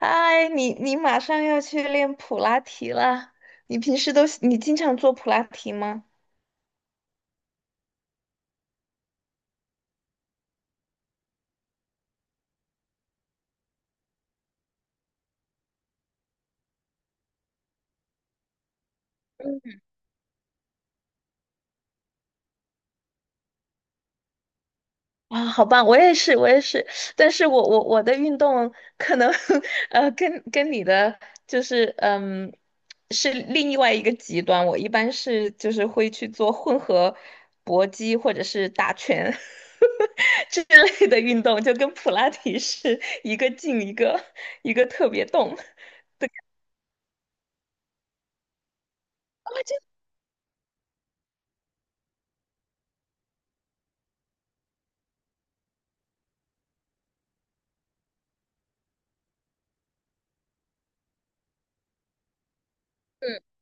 嗨，你马上要去练普拉提了，你平时经常做普拉提吗？啊，好棒！我也是，我也是，但是我的运动可能 跟你的就是是另外一个极端，我一般是就是会去做混合搏击或者是打拳 之类的运动，就跟普拉提是一个劲一个一个特别动。嗯。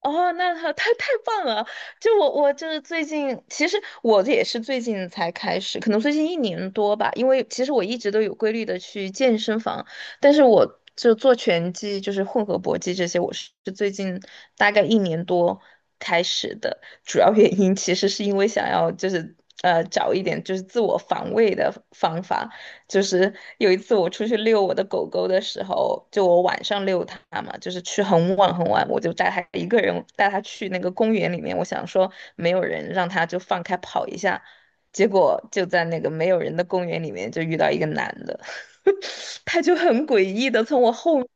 哦，那他太棒了！就我就是最近，其实我这也是最近才开始，可能最近一年多吧。因为其实我一直都有规律的去健身房，但是我就做拳击，就是混合搏击这些，我是最近大概一年多开始的。主要原因其实是因为想要就是找一点就是自我防卫的方法，就是有一次我出去遛我的狗狗的时候，就我晚上遛它嘛，就是去很晚很晚，我就带它一个人带它去那个公园里面，我想说没有人，让它就放开跑一下，结果就在那个没有人的公园里面就遇到一个男的，他就很诡异的从我后面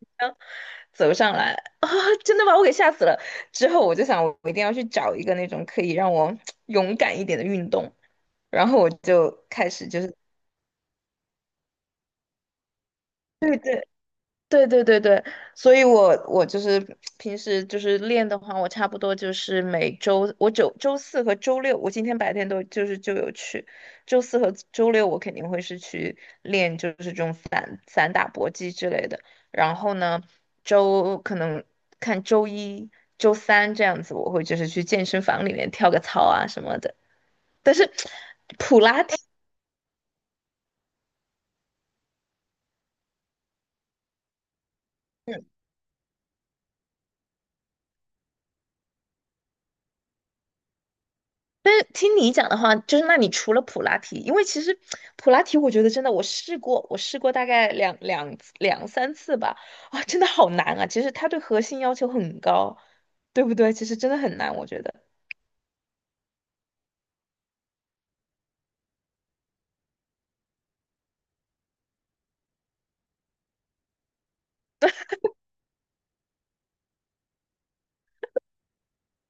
走上来啊，真的把我给吓死了。之后我就想，我一定要去找一个那种可以让我 勇敢一点的运动。然后我就开始就是，对对，对对对对，所以我我就是平时就是练的话，我差不多就是每周我周四和周六，我今天白天都就是就有去，周四和周六我肯定会是去练，就是这种散打搏击之类的。然后呢，周可能看周一、周三这样子，我会就是去健身房里面跳个操啊什么的。但是 普拉提。但是听你讲的话，就是那你除了普拉提，因为其实普拉提，我觉得真的我试过，我试过大概两三次吧，啊，真的好难啊！其实它对核心要求很高，对不对？其实真的很难，我觉得。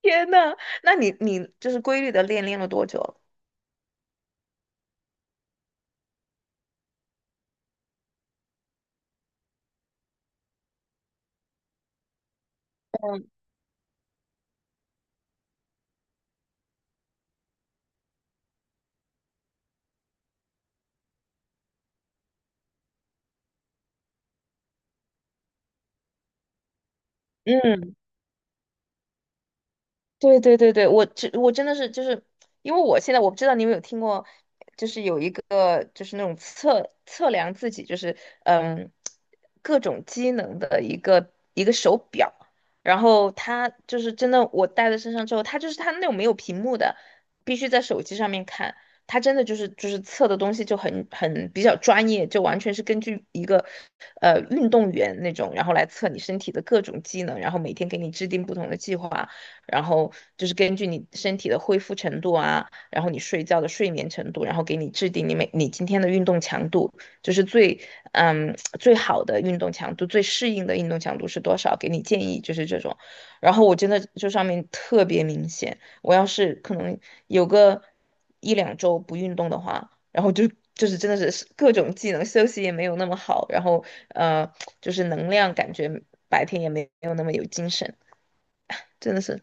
天呐，那你你就是规律的练了多久了？嗯对对对对，我这我真的是就是因为我现在我不知道你有没有听过，就是有一个就是那种测量自己就是嗯各种机能的一个手表，然后它就是真的我戴在身上之后，它就是它那种没有屏幕的，必须在手机上面看，它真的就是就是测的东西就比较专业，就完全是根据一个运动员那种，然后来测你身体的各种机能，然后每天给你制定不同的计划。然后就是根据你身体的恢复程度啊，然后你睡觉的睡眠程度，然后给你制定你每你今天的运动强度，就是最最好的运动强度，最适应的运动强度是多少，给你建议就是这种。然后我真的这上面特别明显，我要是可能有个1-2周不运动的话，就是真的是各种技能，休息也没有那么好，然后呃，就是能量感觉白天也没有那么有精神，真的是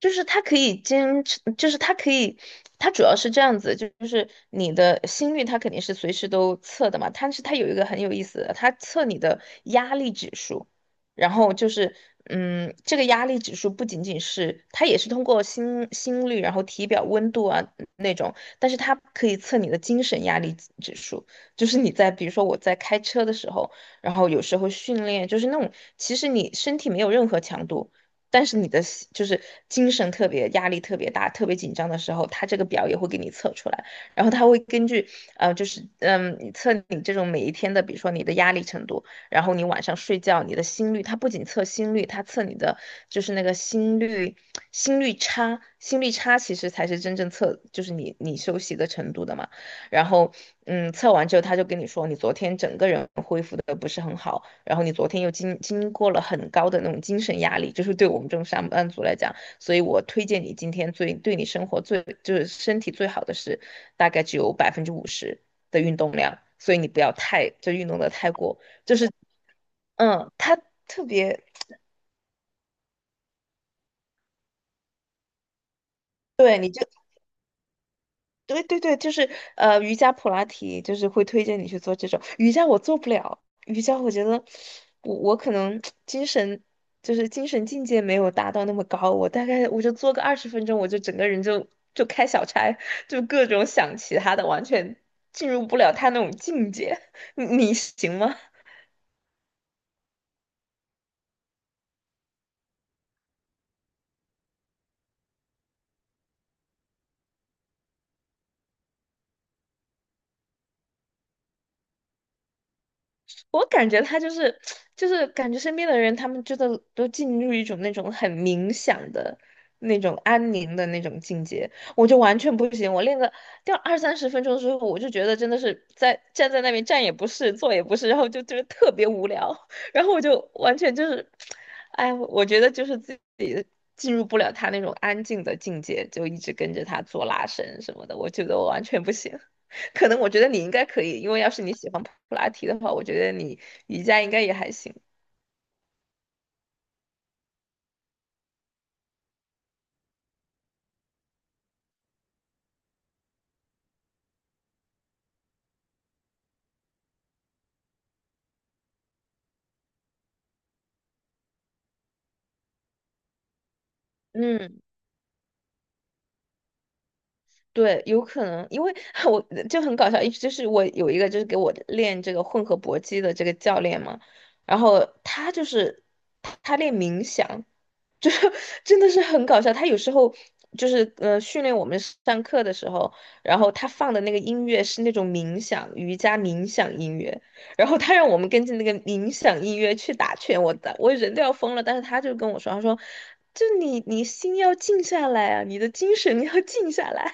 就是它可以坚持，就是它可以，它主要是这样子，就是你的心率，它肯定是随时都测的嘛。但是它有一个很有意思的，它测你的压力指数，然后就是，这个压力指数不仅仅是，它也是通过心率，然后体表温度啊那种，但是它可以测你的精神压力指数，就是你在比如说我在开车的时候，然后有时候训练，就是那种其实你身体没有任何强度。但是你的心就是精神特别压力特别大、特别紧张的时候，他这个表也会给你测出来，然后他会根据就是你这种每一天的，比如说你的压力程度，然后你晚上睡觉你的心率，它不仅测心率，它测你的就是那个心率差，心率差其实才是真正测就是你休息的程度的嘛。然后，测完之后他就跟你说，你昨天整个人恢复的不是很好，然后你昨天又经过了很高的那种精神压力，就是对我们这种上班族来讲，所以我推荐你今天最对你生活最就是身体最好的是，大概只有50%的运动量，所以你不要太就运动的太过，就是，他特别。对你对对对，就是瑜伽、普拉提，就是会推荐你去做这种瑜伽，我做不了瑜伽，我觉得我可能精神就是精神境界没有达到那么高，我大概我就做个20分钟，我就整个人就开小差，就各种想其他的，完全进入不了他那种境界。你行吗？我感觉他就是感觉身边的人，他们真的都进入一种那种很冥想的那种安宁的那种境界，我就完全不行。我练个掉20-30分钟之后，我就觉得真的是在站在那边站也不是，坐也不是，然后就是特别无聊，然后我就完全就是，哎，我觉得就是自己进入不了他那种安静的境界，就一直跟着他做拉伸什么的，我觉得我完全不行。可能我觉得你应该可以，因为要是你喜欢普拉提的话，我觉得你瑜伽应该也还行。嗯，对，有可能，因为 我就很搞笑，一就是我有一个就是给我练这个混合搏击的这个教练嘛，然后他就是他练冥想，就是 真的是很搞笑。他有时候就是训练我们上课的时候，然后他放的那个音乐是那种冥想瑜伽冥想音乐，然后他让我们跟着那个冥想音乐去打拳，我打我人都要疯了，但是他就跟我说，他说。就你，你心要静下来啊，你的精神要静下来。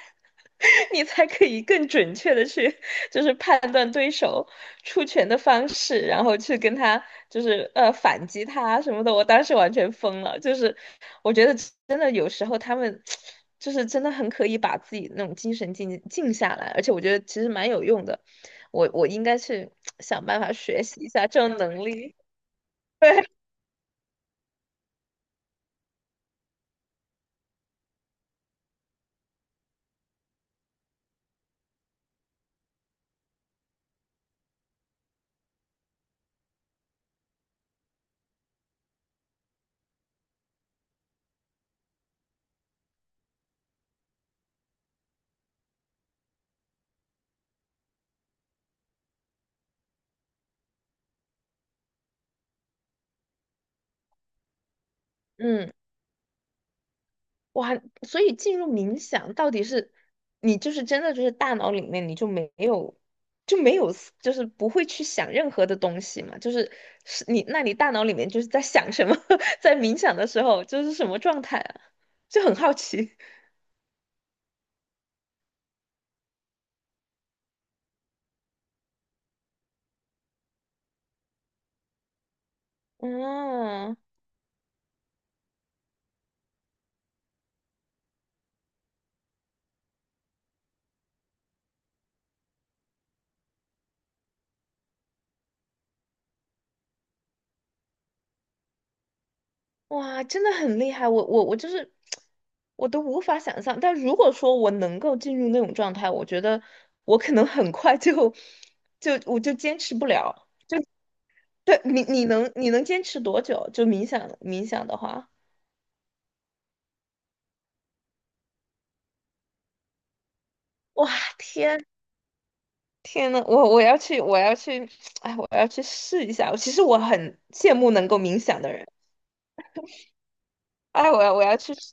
你才可以更准确的去，就是判断对手出拳的方式，然后去跟他就是反击他什么的。我当时完全疯了，就是我觉得真的有时候他们就是真的很可以把自己那种精神静下来，而且我觉得其实蛮有用的。我我应该去想办法学习一下这种能力。对，嗯。哇，所以进入冥想到底是你就是真的就是大脑里面你就没有就没有思就是不会去想任何的东西嘛？就是是你那你大脑里面就是在想什么？在冥想的时候就是什么状态啊？就很好奇。嗯，哇，真的很厉害！我就是我都无法想象。但如果说我能够进入那种状态，我觉得我可能很快就我就坚持不了。对你，你能坚持多久？就冥想的话，哇，天天呐，我我要去，我要去，哎，我要去试一下。其实我很羡慕能够冥想的人。哎，我要去试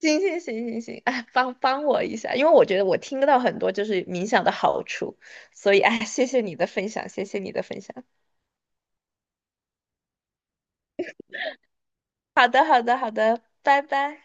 行行行行行，哎，帮帮我一下，因为我觉得我听到很多就是冥想的好处，所以哎，谢谢你的分享，谢谢你的分享。好的，好的，好的，拜拜。